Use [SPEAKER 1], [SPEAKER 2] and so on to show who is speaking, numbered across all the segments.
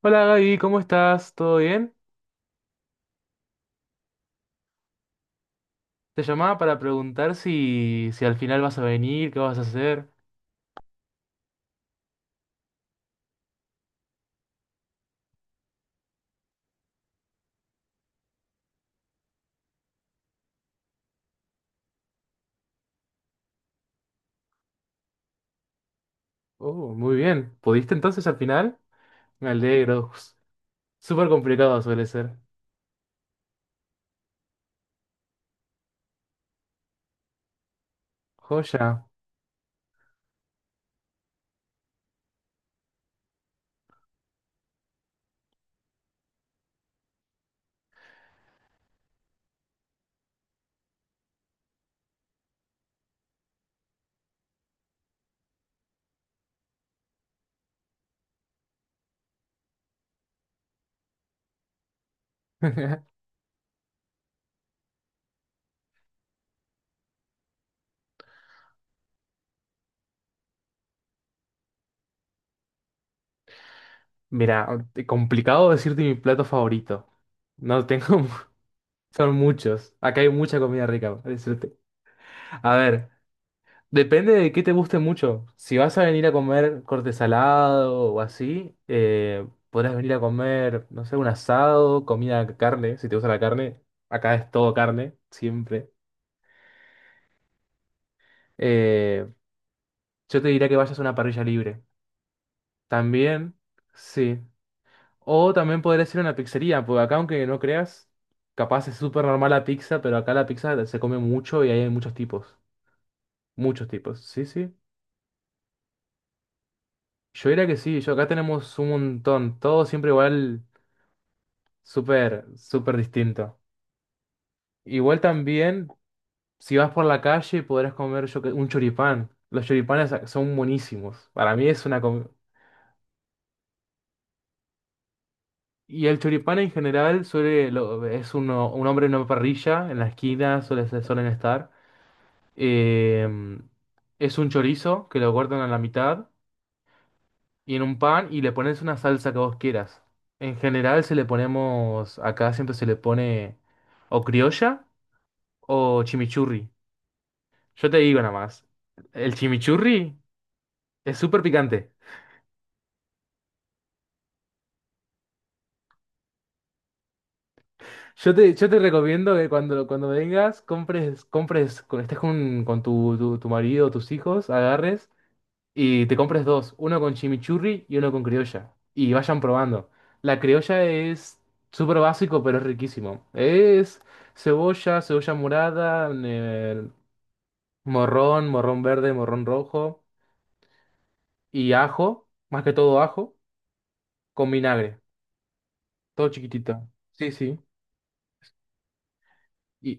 [SPEAKER 1] Hola Gaby, ¿cómo estás? ¿Todo bien? Te llamaba para preguntar si al final vas a venir, qué vas a hacer. Oh, muy bien. ¿Pudiste entonces al final? Me alegro. Uf, súper complicado suele ser. Joya. Mira, complicado decirte mi plato favorito. No tengo, son muchos. Acá hay mucha comida rica, para decirte. A ver, depende de qué te guste mucho. Si vas a venir a comer corte salado o así, podrás venir a comer, no sé, un asado, comida, carne, si te gusta la carne. Acá es todo carne, siempre. Eh, yo te diría que vayas a una parrilla libre. También, sí. O también podrías ir a una pizzería, porque acá, aunque no creas, capaz es súper normal la pizza, pero acá la pizza se come mucho y hay muchos tipos. Muchos tipos, sí, sí. Yo diría que sí, yo acá tenemos un montón. Todo siempre igual. Súper, súper distinto. Igual también, si vas por la calle, podrás comer un choripán. Los choripanes son buenísimos. Para mí es una Y el choripán en general suele, es uno, un hombre en una parrilla, en la esquina suele, suelen estar. Eh, es un chorizo que lo cortan a la mitad y en un pan y le pones una salsa que vos quieras. En general se le ponemos, acá siempre se le pone o criolla o chimichurri. Yo te digo nada más, el chimichurri es súper picante. Yo te recomiendo que cuando vengas, compres, con, estés con tu marido o tus hijos, agarres y te compres dos, uno con chimichurri y uno con criolla. Y vayan probando. La criolla es súper básico, pero es riquísimo. Es cebolla, cebolla morada, morrón, morrón verde, morrón rojo y ajo, más que todo ajo, con vinagre, todo chiquitito. Sí, sí. Y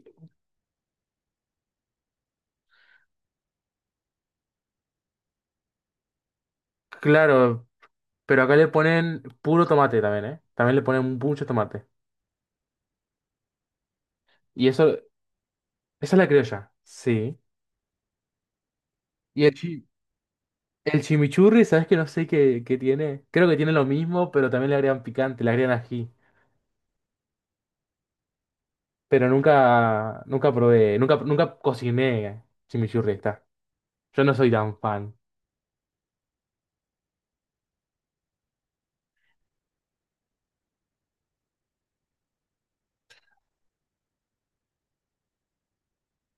[SPEAKER 1] claro, pero acá le ponen puro tomate también, ¿eh? También le ponen mucho tomate. Y eso, esa es la criolla. Sí. Y el chimichurri, ¿sabes que no sé qué, qué tiene? Creo que tiene lo mismo, pero también le agregan picante, le agregan ají. Pero nunca probé, nunca cociné chimichurri, está. Yo no soy tan fan.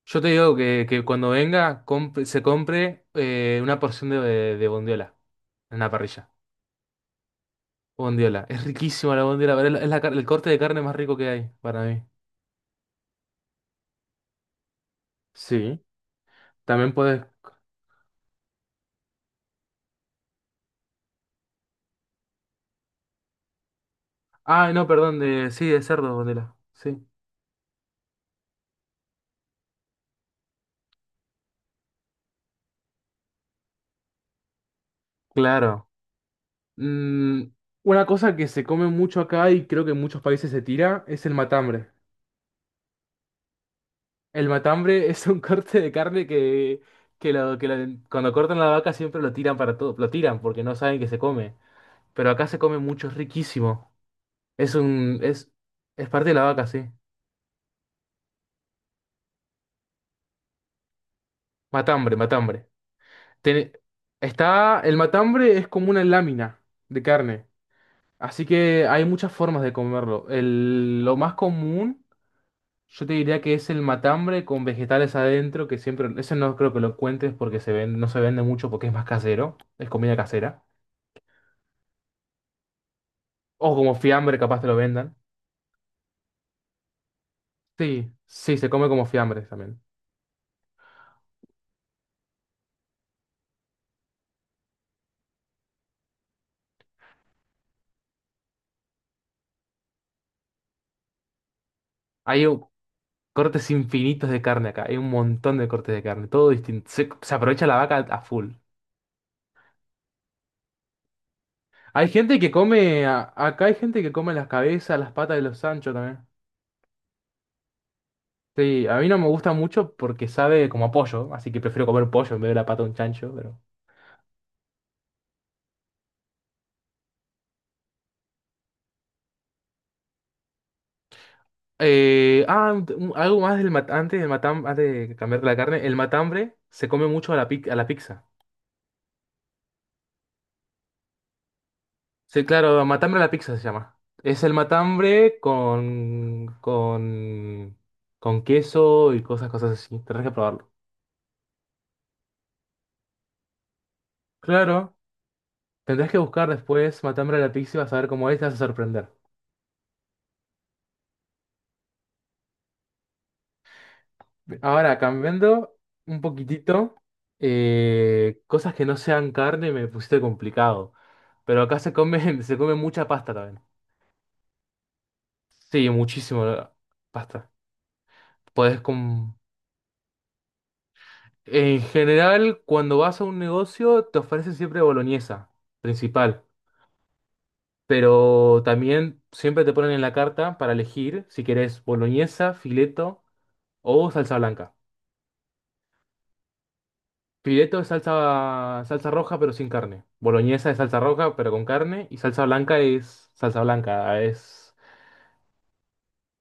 [SPEAKER 1] Yo te digo que cuando venga, se compre una porción de bondiola en la parrilla. Bondiola. Es riquísima la bondiola, pero es el corte de carne más rico que hay para mí. Sí. También puedes. Ah, no, perdón, sí, de cerdo, bondiola. Sí. Claro. Mm, una cosa que se come mucho acá y creo que en muchos países se tira es el matambre. El matambre es un corte de carne que cuando cortan la vaca siempre lo tiran para todo, lo tiran porque no saben que se come. Pero acá se come mucho, es riquísimo. Es un, es, es parte de la vaca, sí. Matambre, matambre. Te- está, el matambre es como una lámina de carne, así que hay muchas formas de comerlo. El- lo más común, yo te diría que es el matambre con vegetales adentro, que siempre, ese no creo que lo encuentres porque se ven, no se vende mucho porque es más casero, es comida casera. O como fiambre, capaz te lo vendan. Sí, sí, se come como fiambres también. Hay u- cortes infinitos de carne acá, hay un montón de cortes de carne, todo distinto. Se aprovecha la vaca a full. Hay gente que come, acá hay gente que come las cabezas, las patas de los Sancho también. Sí, a mí no me gusta mucho porque sabe como a pollo, así que prefiero comer pollo en vez de la pata de un chancho, pero... Eh, ah, un- algo más antes, antes de cambiar la carne, el matambre se come mucho a la pizza. Sí, claro, matambre a la pizza se llama. Es el matambre con queso y cosas, cosas así. Tendrás que probarlo. Claro, tendrás que buscar después matambre a la pizza y vas a ver cómo es, te vas a sorprender. Ahora, cambiando un poquitito, cosas que no sean carne me pusiste complicado. Pero acá se come, se come mucha pasta también. Sí, muchísimo la pasta. Podés com- En general, cuando vas a un negocio, te ofrecen siempre boloñesa, principal. Pero también siempre te ponen en la carta para elegir si querés boloñesa, fileto o salsa blanca. Pireto es salsa, salsa roja pero sin carne. Boloñesa es salsa roja pero con carne. Y salsa blanca es salsa blanca. Es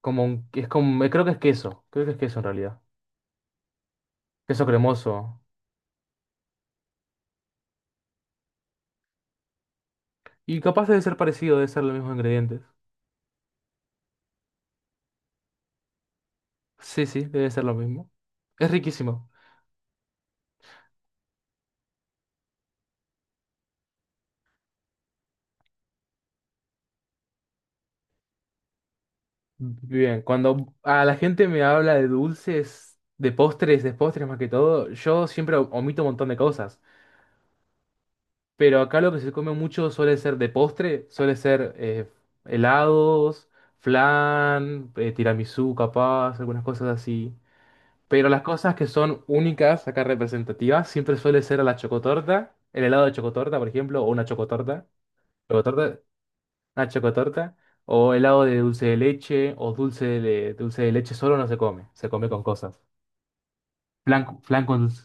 [SPEAKER 1] como un, Es como, creo que es queso. Creo que es queso en realidad. Queso cremoso. Y capaz debe ser parecido, debe ser los mismos ingredientes. Sí, sí, debe ser lo mismo. Es riquísimo. Bien, cuando a la gente me habla de dulces, de postres más que todo, yo siempre omito un montón de cosas. Pero acá lo que se come mucho suele ser de postre, suele ser helados, flan, tiramisú capaz, algunas cosas así. Pero las cosas que son únicas, acá representativas, siempre suele ser la chocotorta, el helado de chocotorta, por ejemplo, o una chocotorta, chocotorta, una chocotorta, o helado de dulce de leche, o dulce de leche solo no se come, se come con cosas. Flan, flan con dulce.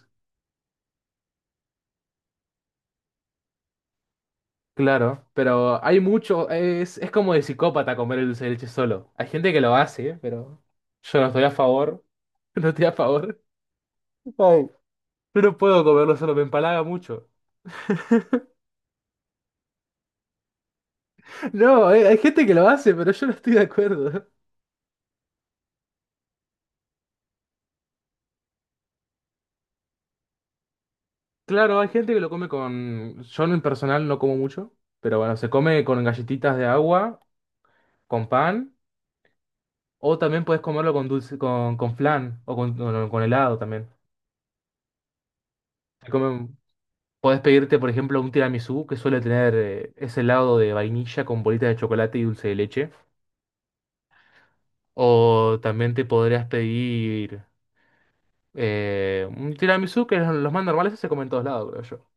[SPEAKER 1] Claro, pero hay mucho, es como de psicópata comer el dulce de leche solo. Hay gente que lo hace, ¿eh? Pero yo no estoy a favor, no estoy a favor. Ay. Yo no puedo comerlo solo, me empalaga mucho. No, hay gente que lo hace, pero yo no estoy de acuerdo. Claro, hay gente que lo come con... Yo en personal no como mucho, pero bueno, se come con galletitas de agua, con pan, o también puedes comerlo con dulce, con flan o no, con helado también. Se come Podés pedirte, por ejemplo, un tiramisú que suele tener ese lado de vainilla con bolitas de chocolate y dulce de leche. O también te podrías pedir un tiramisú que los más normales se comen en todos lados, creo yo.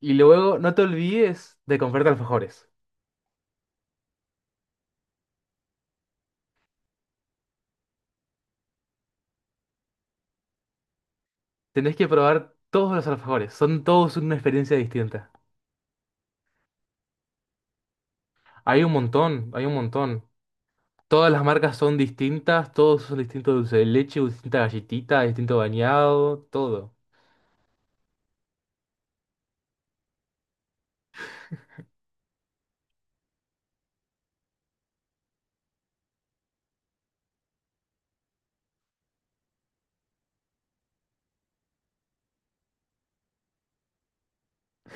[SPEAKER 1] Y luego no te olvides de comprarte alfajores. Tenés que probar todos los alfajores. Son todos una experiencia distinta. Hay un montón, hay un montón. Todas las marcas son distintas, todos son distintos dulce de leche, distinta galletita, distinto bañado, todo.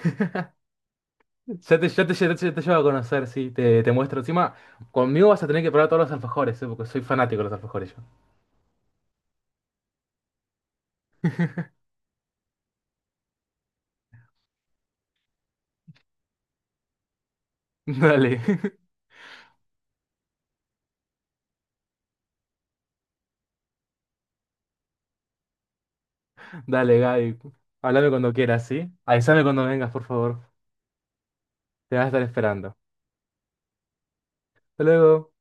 [SPEAKER 1] Ya te llevo a conocer, te muestro. Encima, conmigo vas a tener que probar todos los alfajores, ¿eh? Porque soy fanático de los alfajores yo. Dale, dale, Gaby. Háblame cuando quieras, ¿sí? Avísame cuando vengas, por favor. Te vas a estar esperando. Hasta luego.